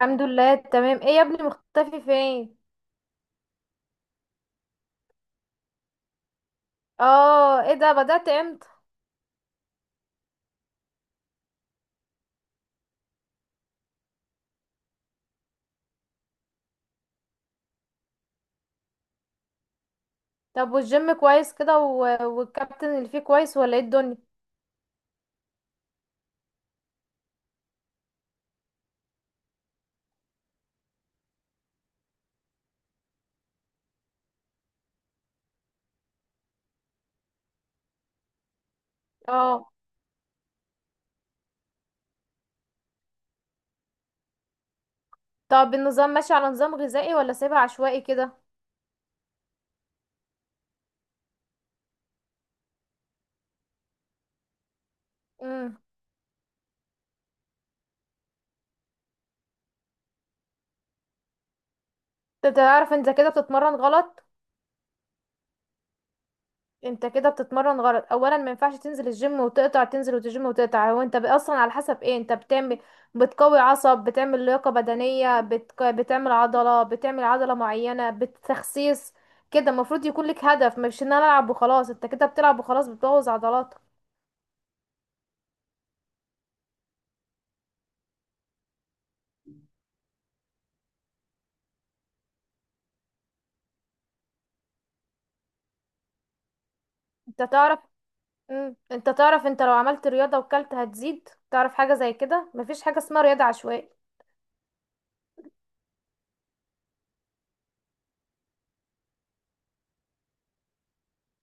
الحمد لله، تمام. ايه يا ابني، مختفي فين؟ اه، ايه ده، بدأت امتى؟ طب، والجيم كويس كده و... والكابتن اللي فيه كويس ولا ايه الدنيا؟ اه. طب النظام ماشي على نظام غذائي ولا سايبها عشوائي كده؟ امم. انت تعرف، انت كده بتتمرن غلط. انت كده بتتمرن غلط، اولا ما ينفعش تنزل الجيم وتقطع، تنزل وتجيم وتقطع. هو انت اصلا على حسب ايه انت بتعمل؟ بتقوي عصب، بتعمل لياقة بدنية، بتعمل عضلة معينة، بتخسيس. كده المفروض يكون لك هدف، مش ان انا العب وخلاص. انت كده بتلعب وخلاص بتبوظ عضلاتك. انت تعرف. انت تعرف، انت لو عملت رياضة وكلت هتزيد. تعرف حاجة زي كده؟ مفيش حاجة اسمها رياضة عشوائية.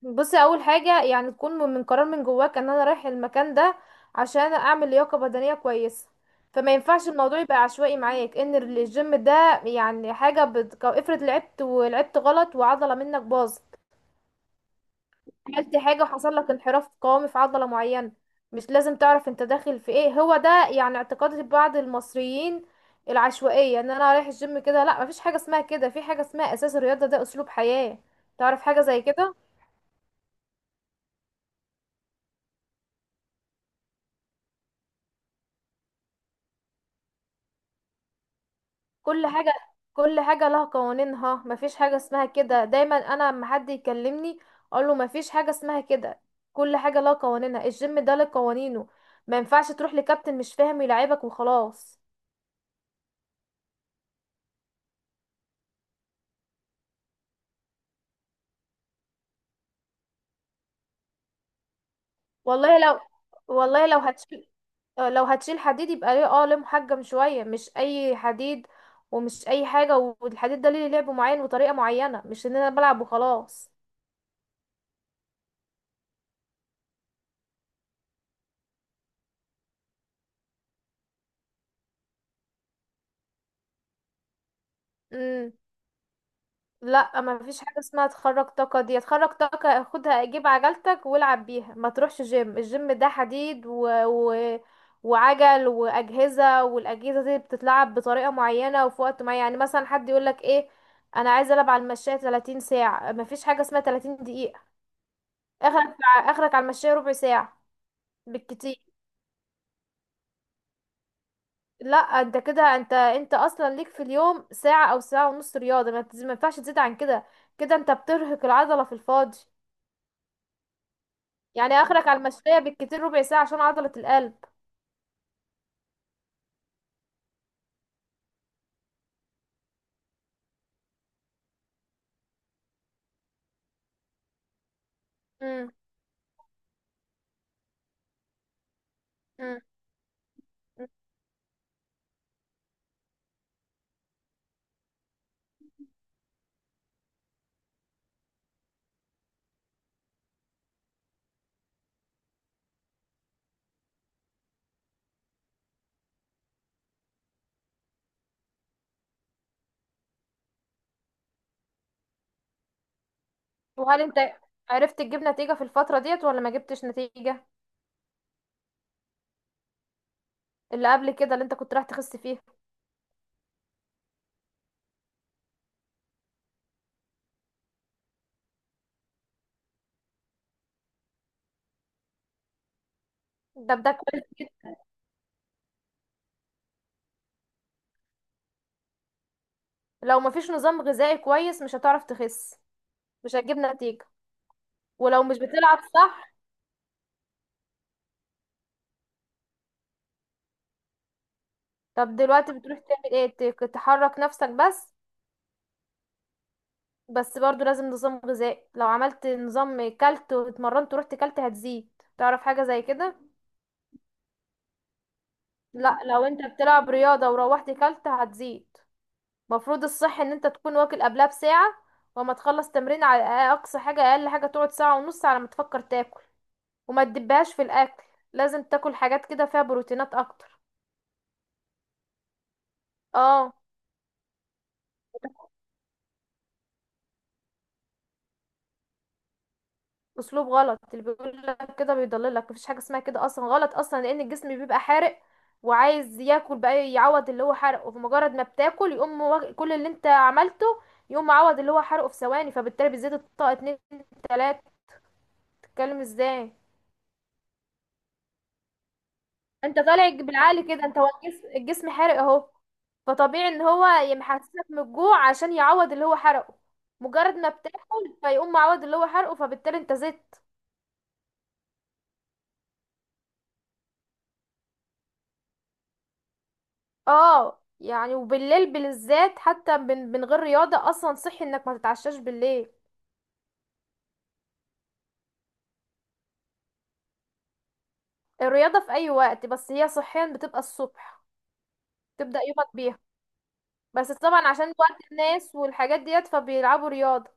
بصي، اول حاجه يعني تكون من قرار من جواك ان انا رايح المكان ده عشان اعمل لياقه بدنيه كويسه. فما ينفعش الموضوع يبقى عشوائي معاك. ان الجيم ده يعني افرض لعبت ولعبت غلط وعضله منك باظت. عملت حاجه وحصل لك انحراف قوامي في عضله معينه. مش لازم تعرف انت داخل في ايه. هو ده يعني اعتقاد بعض المصريين، العشوائيه، ان انا رايح الجيم كده. لا، مفيش حاجه اسمها كده. في حاجه اسمها اساس الرياضه، ده اسلوب حياه. تعرف حاجه زي كده؟ كل حاجة، كل حاجة لها قوانينها. مفيش حاجة اسمها كده. دايما انا لما حد يكلمني اقول له مفيش حاجة اسمها كده. كل حاجة لها قوانينها. الجيم ده له قوانينه. ما ينفعش تروح لكابتن مش فاهم يلعبك وخلاص. والله لو والله لو هتشيل لو هتشيل حديد يبقى ليه. اه، ليه محجم شوية، مش اي حديد ومش اي حاجة. والحديد ده ليه لعب معين وطريقة معينة، مش ان انا بلعب وخلاص. إمم. لا، ما فيش حاجة اسمها تخرج طاقة. دي تخرج طاقة، خدها جيب عجلتك والعب بيها. ما تروحش جيم. الجيم ده حديد وعجل وأجهزة. والأجهزة دي بتتلعب بطريقة معينة وفي وقت معين. يعني مثلا حد يقولك ايه، انا عايز العب على المشاية 30 ساعة. ما فيش حاجة اسمها 30 دقيقة. اخرك، اخرك على المشاية ربع ساعة. بالكتير. لا، انت كده، انت اصلا ليك في اليوم ساعة او ساعة ونص رياضة. ما ينفعش تزيد عن كده. كده انت بترهق العضلة في الفاضي. يعني اخرك على المشوية بالكتير ربع ساعة عشان عضلة القلب. امم امم وهل انت عرفت تجيب نتيجة في الفترة ديت ولا ما جبتش نتيجة؟ اللي قبل كده، اللي انت كنت رايح تخس فيها. ده كويس جدا. لو مفيش نظام غذائي كويس مش هتعرف تخس، مش هتجيب نتيجة. ولو مش بتلعب صح. طب دلوقتي بتروح تعمل ايه، تحرك نفسك بس؟ بس برضو لازم نظام غذائي. لو عملت نظام كلت واتمرنت ورحت كلت هتزيد. تعرف حاجة زي كده؟ لا، لو انت بتلعب رياضة وروحت كلت هتزيد. مفروض الصح ان انت تكون واكل قبلها بساعة، وما تخلص تمرين على اقصى حاجة. اقل حاجة تقعد ساعة ونص على ما تفكر تاكل. وما تدبهاش في الاكل. لازم تاكل حاجات كده فيها بروتينات اكتر. اه. اسلوب غلط اللي بيقول لك كده، بيضللك. مفيش حاجة اسمها كده، اصلا غلط اصلا، لان الجسم بيبقى حارق وعايز ياكل بقى يعوض اللي هو حرقه. وفي مجرد ما بتاكل يقوم كل اللي انت عملته يقوم معوض اللي هو حرقه في ثواني، فبالتالي بيزيد الطاقة. اتنين، تلاتة، تتكلم ازاي. انت طالع بالعقل كده. انت هو الجسم حرق اهو. فطبيعي ان هو يحسسك من الجوع عشان يعوض اللي هو حرقه. مجرد ما بتاكل فيقوم معوض اللي هو حرقه، فبالتالي انت زدت. اه. يعني وبالليل بالذات، حتى من غير رياضة، اصلا صحي انك ما تتعشاش بالليل. الرياضة في اي وقت، بس هي صحيا بتبقى الصبح، تبدأ يومك بيها. بس طبعا عشان وقت الناس والحاجات ديت فبيلعبوا رياضة.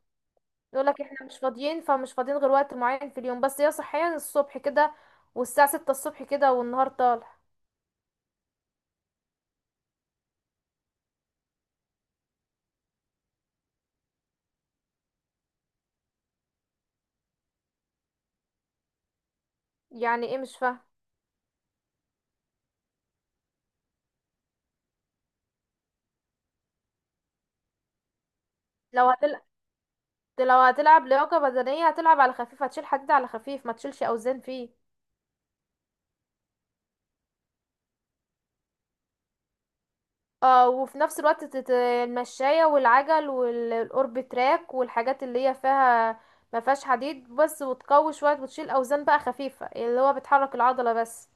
يقول لك احنا مش فاضيين، فمش فاضيين غير وقت معين في اليوم. بس هي صحيا الصبح كده، والساعة ستة الصبح كده والنهار طالع. يعني ايه، مش فاهم. لو هتلعب لو هتلعب لياقة بدنية هتلعب على خفيف، هتشيل حديد على خفيف، ما تشيلش اوزان فيه. اه. وفي نفس الوقت المشاية والعجل والاورب تراك والحاجات اللي هي فيها ما فيهاش حديد بس. وتقوي شوية وتشيل اوزان بقى خفيفة اللي هو بتحرك العضلة بس.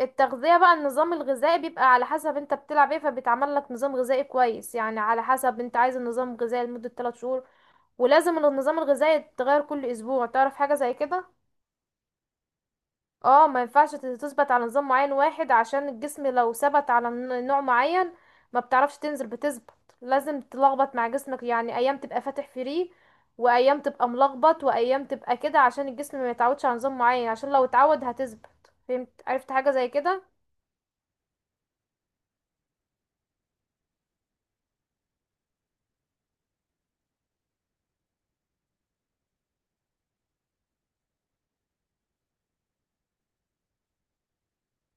التغذية بقى، النظام الغذائي بيبقى على حسب انت بتلعب ايه. فبيتعمل لك نظام غذائي كويس، يعني على حسب انت عايز النظام غذائي لمدة 3 شهور. ولازم النظام الغذائي يتغير كل اسبوع. تعرف حاجة زي كده؟ اه. ما ينفعش تثبت على نظام معين واحد، عشان الجسم لو ثبت على نوع معين ما بتعرفش تنزل، بتثبت. لازم تلخبط مع جسمك، يعني ايام تبقى فاتح فري وايام تبقى ملخبط وايام تبقى كده، عشان الجسم ما يتعودش على نظام معين، عشان لو اتعود هتثبت. فهمت؟ عرفت حاجة زي كده؟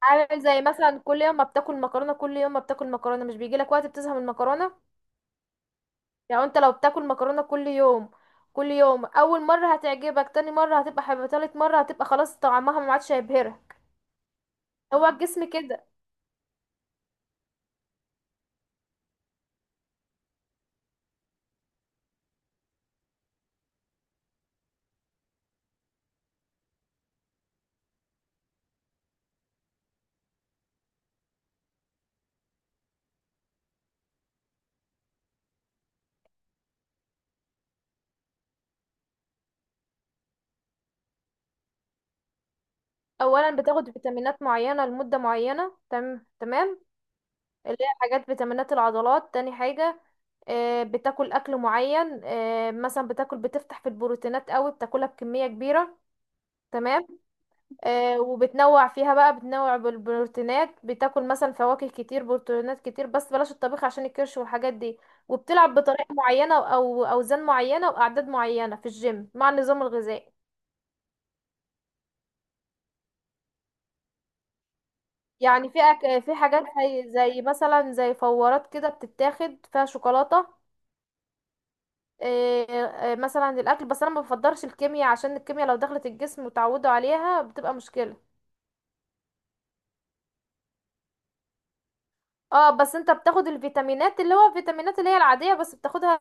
عامل زي مثلا كل يوم ما بتاكل مكرونه، كل يوم ما بتاكل مكرونه، مش بيجي لك وقت بتزهق من المكرونه؟ يعني انت لو بتاكل مكرونه كل يوم، كل يوم، اول مره هتعجبك، تاني مره هتبقى حلوه، تالت مره هتبقى خلاص طعمها ما عادش هيبهرك. هو الجسم كده. اولا بتاخد فيتامينات معينه لمده معينه، تمام تمام؟ اللي هي حاجات فيتامينات العضلات. تاني حاجه، بتاكل اكل معين. مثلا بتاكل، بتفتح في البروتينات قوي، بتاكلها بكميه كبيره. تمام. وبتنوع فيها بقى، بتنوع بالبروتينات. بتاكل مثلا فواكه كتير، بروتينات كتير، بس بلاش الطبيخ عشان الكرش والحاجات دي. وبتلعب بطريقة معينة او اوزان معينة واعداد معينة في الجيم مع النظام الغذائي. يعني في في حاجات زي مثلا زي فورات كده بتتاخد فيها شوكولاتة. آه، مثلا الاكل. بس انا ما بفضلش الكيمياء عشان الكيمياء لو دخلت الجسم وتعودوا عليها بتبقى مشكلة. اه. بس انت بتاخد الفيتامينات اللي هو الفيتامينات اللي هي العادية بس بتاخدها.